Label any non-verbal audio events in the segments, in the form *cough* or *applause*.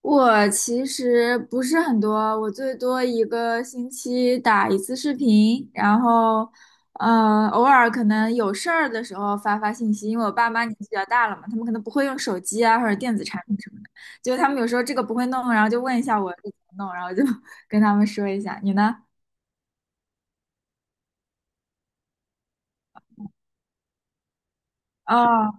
我其实不是很多，我最多一个星期打一次视频，然后，偶尔可能有事儿的时候发发信息，因为我爸妈年纪比较大了嘛，他们可能不会用手机啊或者电子产品什么的，就他们有时候这个不会弄，然后就问一下我这怎么弄，然后就 *laughs* 跟他们说一下。你呢？哦，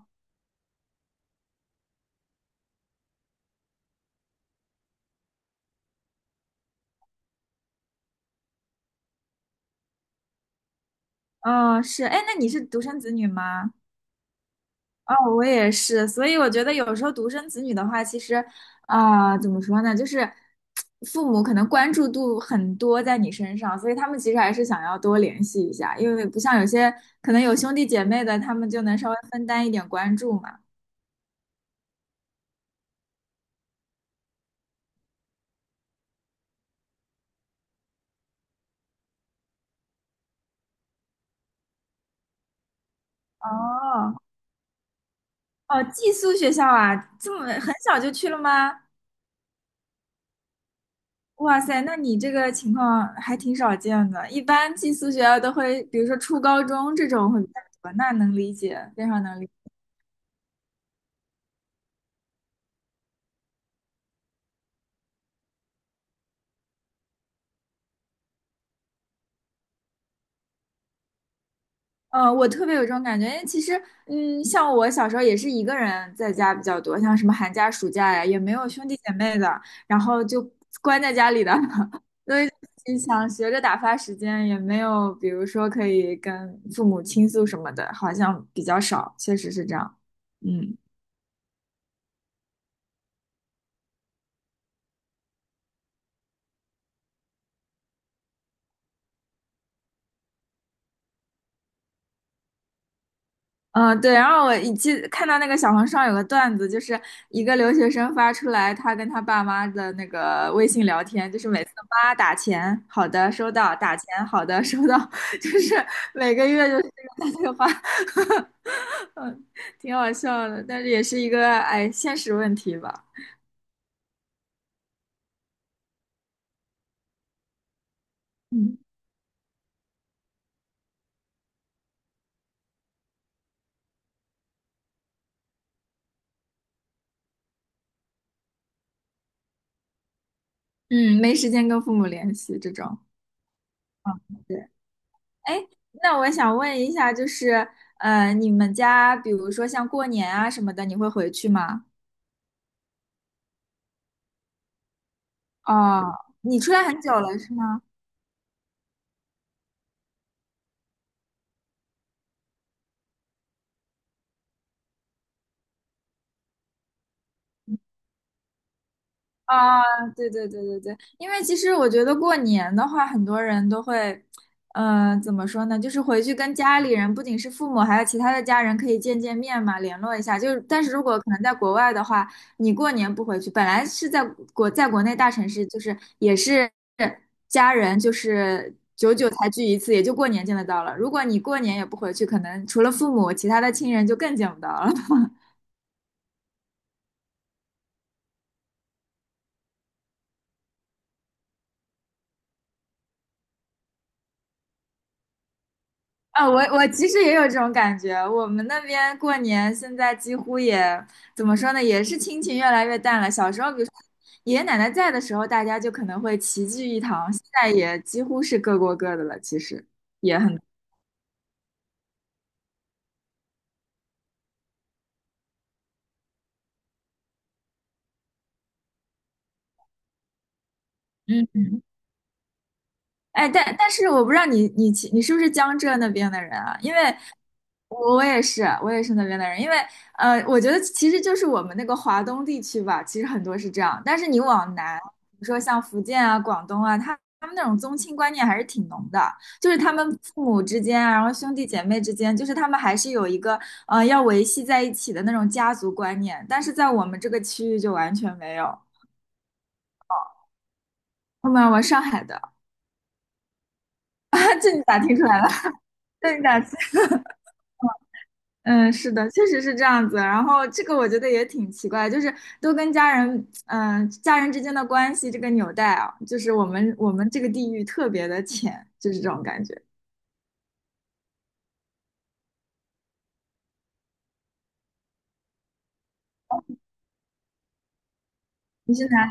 哦，是，哎，那你是独生子女吗？哦，我也是，所以我觉得有时候独生子女的话，其实啊、怎么说呢，就是父母可能关注度很多在你身上，所以他们其实还是想要多联系一下，因为不像有些可能有兄弟姐妹的，他们就能稍微分担一点关注嘛。哦哦，寄宿学校啊，这么很小就去了吗？哇塞，那你这个情况还挺少见的，一般寄宿学校都会，比如说初高中这种会比较多，那能理解，非常能理解。嗯，我特别有这种感觉，因为其实，嗯，像我小时候也是一个人在家比较多，像什么寒假、暑假呀，也没有兄弟姐妹的，然后就关在家里的，*laughs* 所以就想学着打发时间，也没有，比如说可以跟父母倾诉什么的，好像比较少，确实是这样。嗯。嗯，对，然后我一记看到那个小红书上有个段子，就是一个留学生发出来他跟他爸妈的那个微信聊天，就是每次妈打钱，好的收到，打钱，好的收到，*laughs* 就是每个月就是这个打电话 *laughs*，挺好笑的，但是也是一个哎现实问题吧，嗯嗯，没时间跟父母联系这种，嗯，对，哎，那我想问一下，就是你们家比如说像过年啊什么的，你会回去吗？哦，你出来很久了是吗？啊，对对对对对，因为其实我觉得过年的话，很多人都会，嗯，怎么说呢？就是回去跟家里人，不仅是父母，还有其他的家人，可以见见面嘛，联络一下。就是但是如果可能在国外的话，你过年不回去，本来是在国内大城市，就是也是家人，就是久久才聚一次，也就过年见得到了。如果你过年也不回去，可能除了父母，其他的亲人就更见不到了。啊，我其实也有这种感觉。我们那边过年现在几乎也怎么说呢，也是亲情越来越淡了。小时候，比如说爷爷奶奶在的时候，大家就可能会齐聚一堂，现在也几乎是各过各的了。其实也很，嗯，哎，但是我不知道你是不是江浙那边的人啊？因为我也是，我也是那边的人，因为我觉得其实就是我们那个华东地区吧，其实很多是这样。但是你往南，比如说像福建啊、广东啊，他们那种宗亲观念还是挺浓的，就是他们父母之间啊，然后兄弟姐妹之间，就是他们还是有一个要维系在一起的那种家族观念。但是在我们这个区域就完全没有。后面我上海的，*laughs* 这你咋听出来了？*laughs* 这你咋？嗯，是的，确实是这样子。然后这个我觉得也挺奇怪，就是都跟家人，嗯、家人之间的关系这个纽带啊，就是我们这个地域特别的浅，就是这种感觉。你是哪？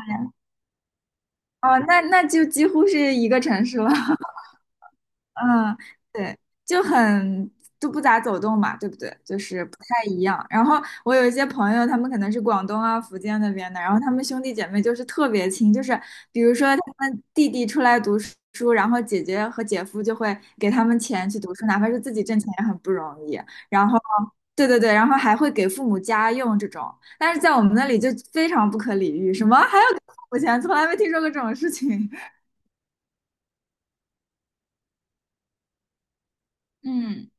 哦，那那就几乎是一个城市了。*laughs* 嗯，对，就很就不咋走动嘛，对不对？就是不太一样。然后我有一些朋友，他们可能是广东啊、福建那边的，然后他们兄弟姐妹就是特别亲，就是比如说他们弟弟出来读书，然后姐姐和姐夫就会给他们钱去读书，哪怕是自己挣钱也很不容易。然后，对对对，然后还会给父母家用这种，但是在我们那里就非常不可理喻，什么还要给父母钱，从来没听说过这种事情。*laughs* 嗯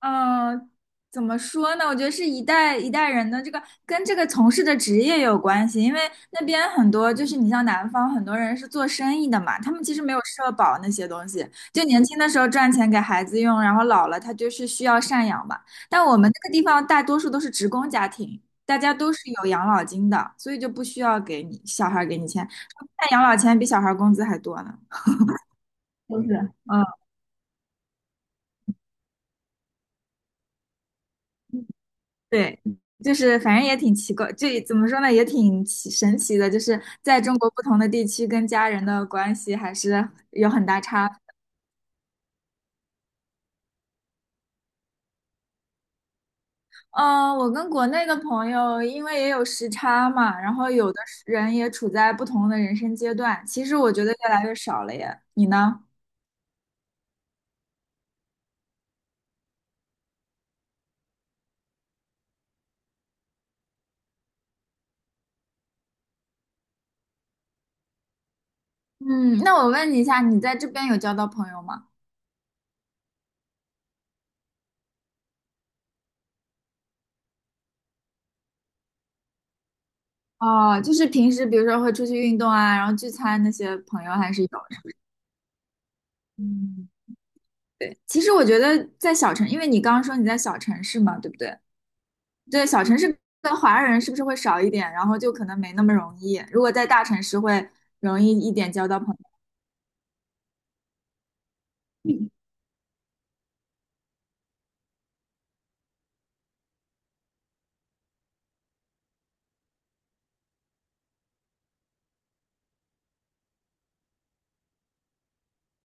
嗯，怎么说呢？我觉得是一代一代人的这个跟这个从事的职业有关系，因为那边很多就是你像南方很多人是做生意的嘛，他们其实没有社保那些东西，就年轻的时候赚钱给孩子用，然后老了他就是需要赡养嘛。但我们这个地方大多数都是职工家庭，大家都是有养老金的，所以就不需要给你小孩儿给你钱，那养老钱比小孩儿工资还多呢。就是。嗯。对，就是反正也挺奇怪，这怎么说呢，也挺神奇的，就是在中国不同的地区跟家人的关系还是有很大差别。嗯、我跟国内的朋友，因为也有时差嘛，然后有的是人也处在不同的人生阶段，其实我觉得越来越少了耶。你呢？嗯，那我问你一下，你在这边有交到朋友吗？哦，就是平时比如说会出去运动啊，然后聚餐那些朋友还是有的嗯对，其实我觉得在小城，因为你刚刚说你在小城市嘛，对不对？对，小城市的华人是不是会少一点，然后就可能没那么容易。如果在大城市会容易一点交到朋友。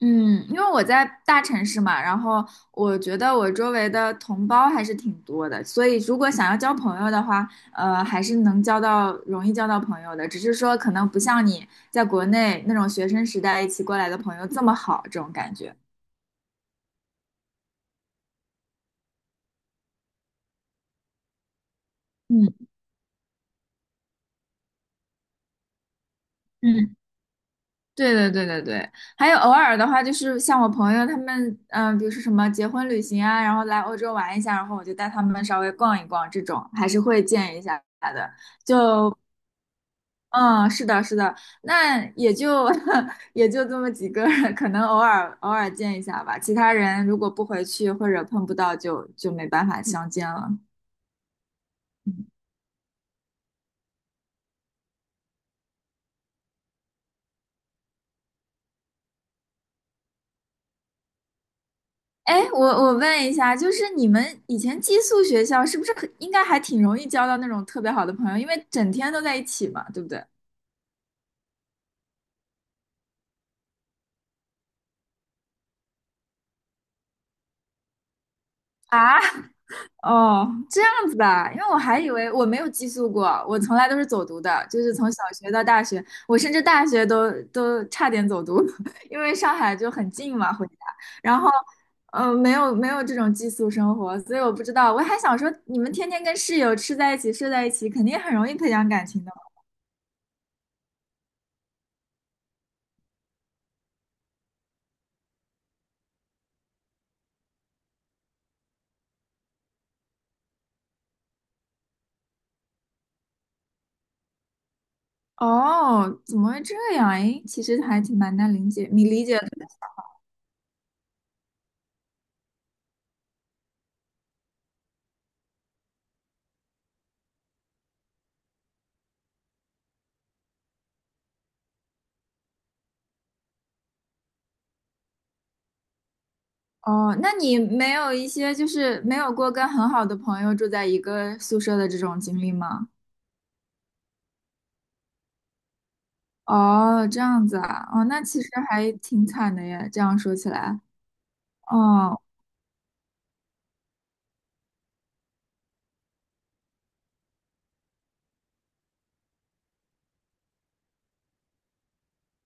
嗯，因为我在大城市嘛，然后我觉得我周围的同胞还是挺多的，所以如果想要交朋友的话，还是能交到，容易交到朋友的，只是说可能不像你在国内那种学生时代一起过来的朋友这么好，这种感觉。嗯嗯。对对对对对，还有偶尔的话，就是像我朋友他们，嗯、比如说什么结婚旅行啊，然后来欧洲玩一下，然后我就带他们稍微逛一逛，这种还是会见一下的。就嗯，是的，是的，那也就 *laughs* 也就这么几个人，可能偶尔见一下吧。其他人如果不回去或者碰不到就，就没办法相见了。哎，我问一下，就是你们以前寄宿学校是不是很应该还挺容易交到那种特别好的朋友，因为整天都在一起嘛，对不对？啊，哦，这样子的啊因为我还以为我没有寄宿过，我从来都是走读的，就是从小学到大学，我甚至大学都差点走读，*laughs* 因为上海就很近嘛，回家，然后，嗯，没有没有这种寄宿生活，所以我不知道，我还想说，你们天天跟室友吃在一起，睡在一起，肯定很容易培养感情的嘛哦，怎么会这样？诶，其实还挺蛮难理解，你理解的哦，那你没有一些就是没有过跟很好的朋友住在一个宿舍的这种经历吗？哦，这样子啊，哦，那其实还挺惨的耶，这样说起来，哦，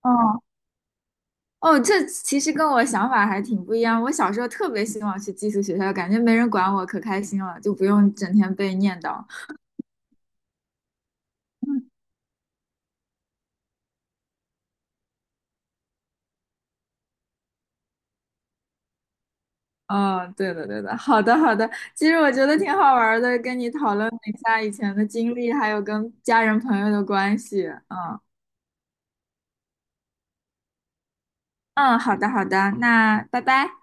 哦，哦，这其实跟我想法还挺不一样。我小时候特别希望去寄宿学校，感觉没人管我，可开心了，就不用整天被念叨。哦，对的，对的，好的，好的。其实我觉得挺好玩儿的，跟你讨论了一下以前的经历，还有跟家人朋友的关系。嗯，嗯，好的好的，那拜拜。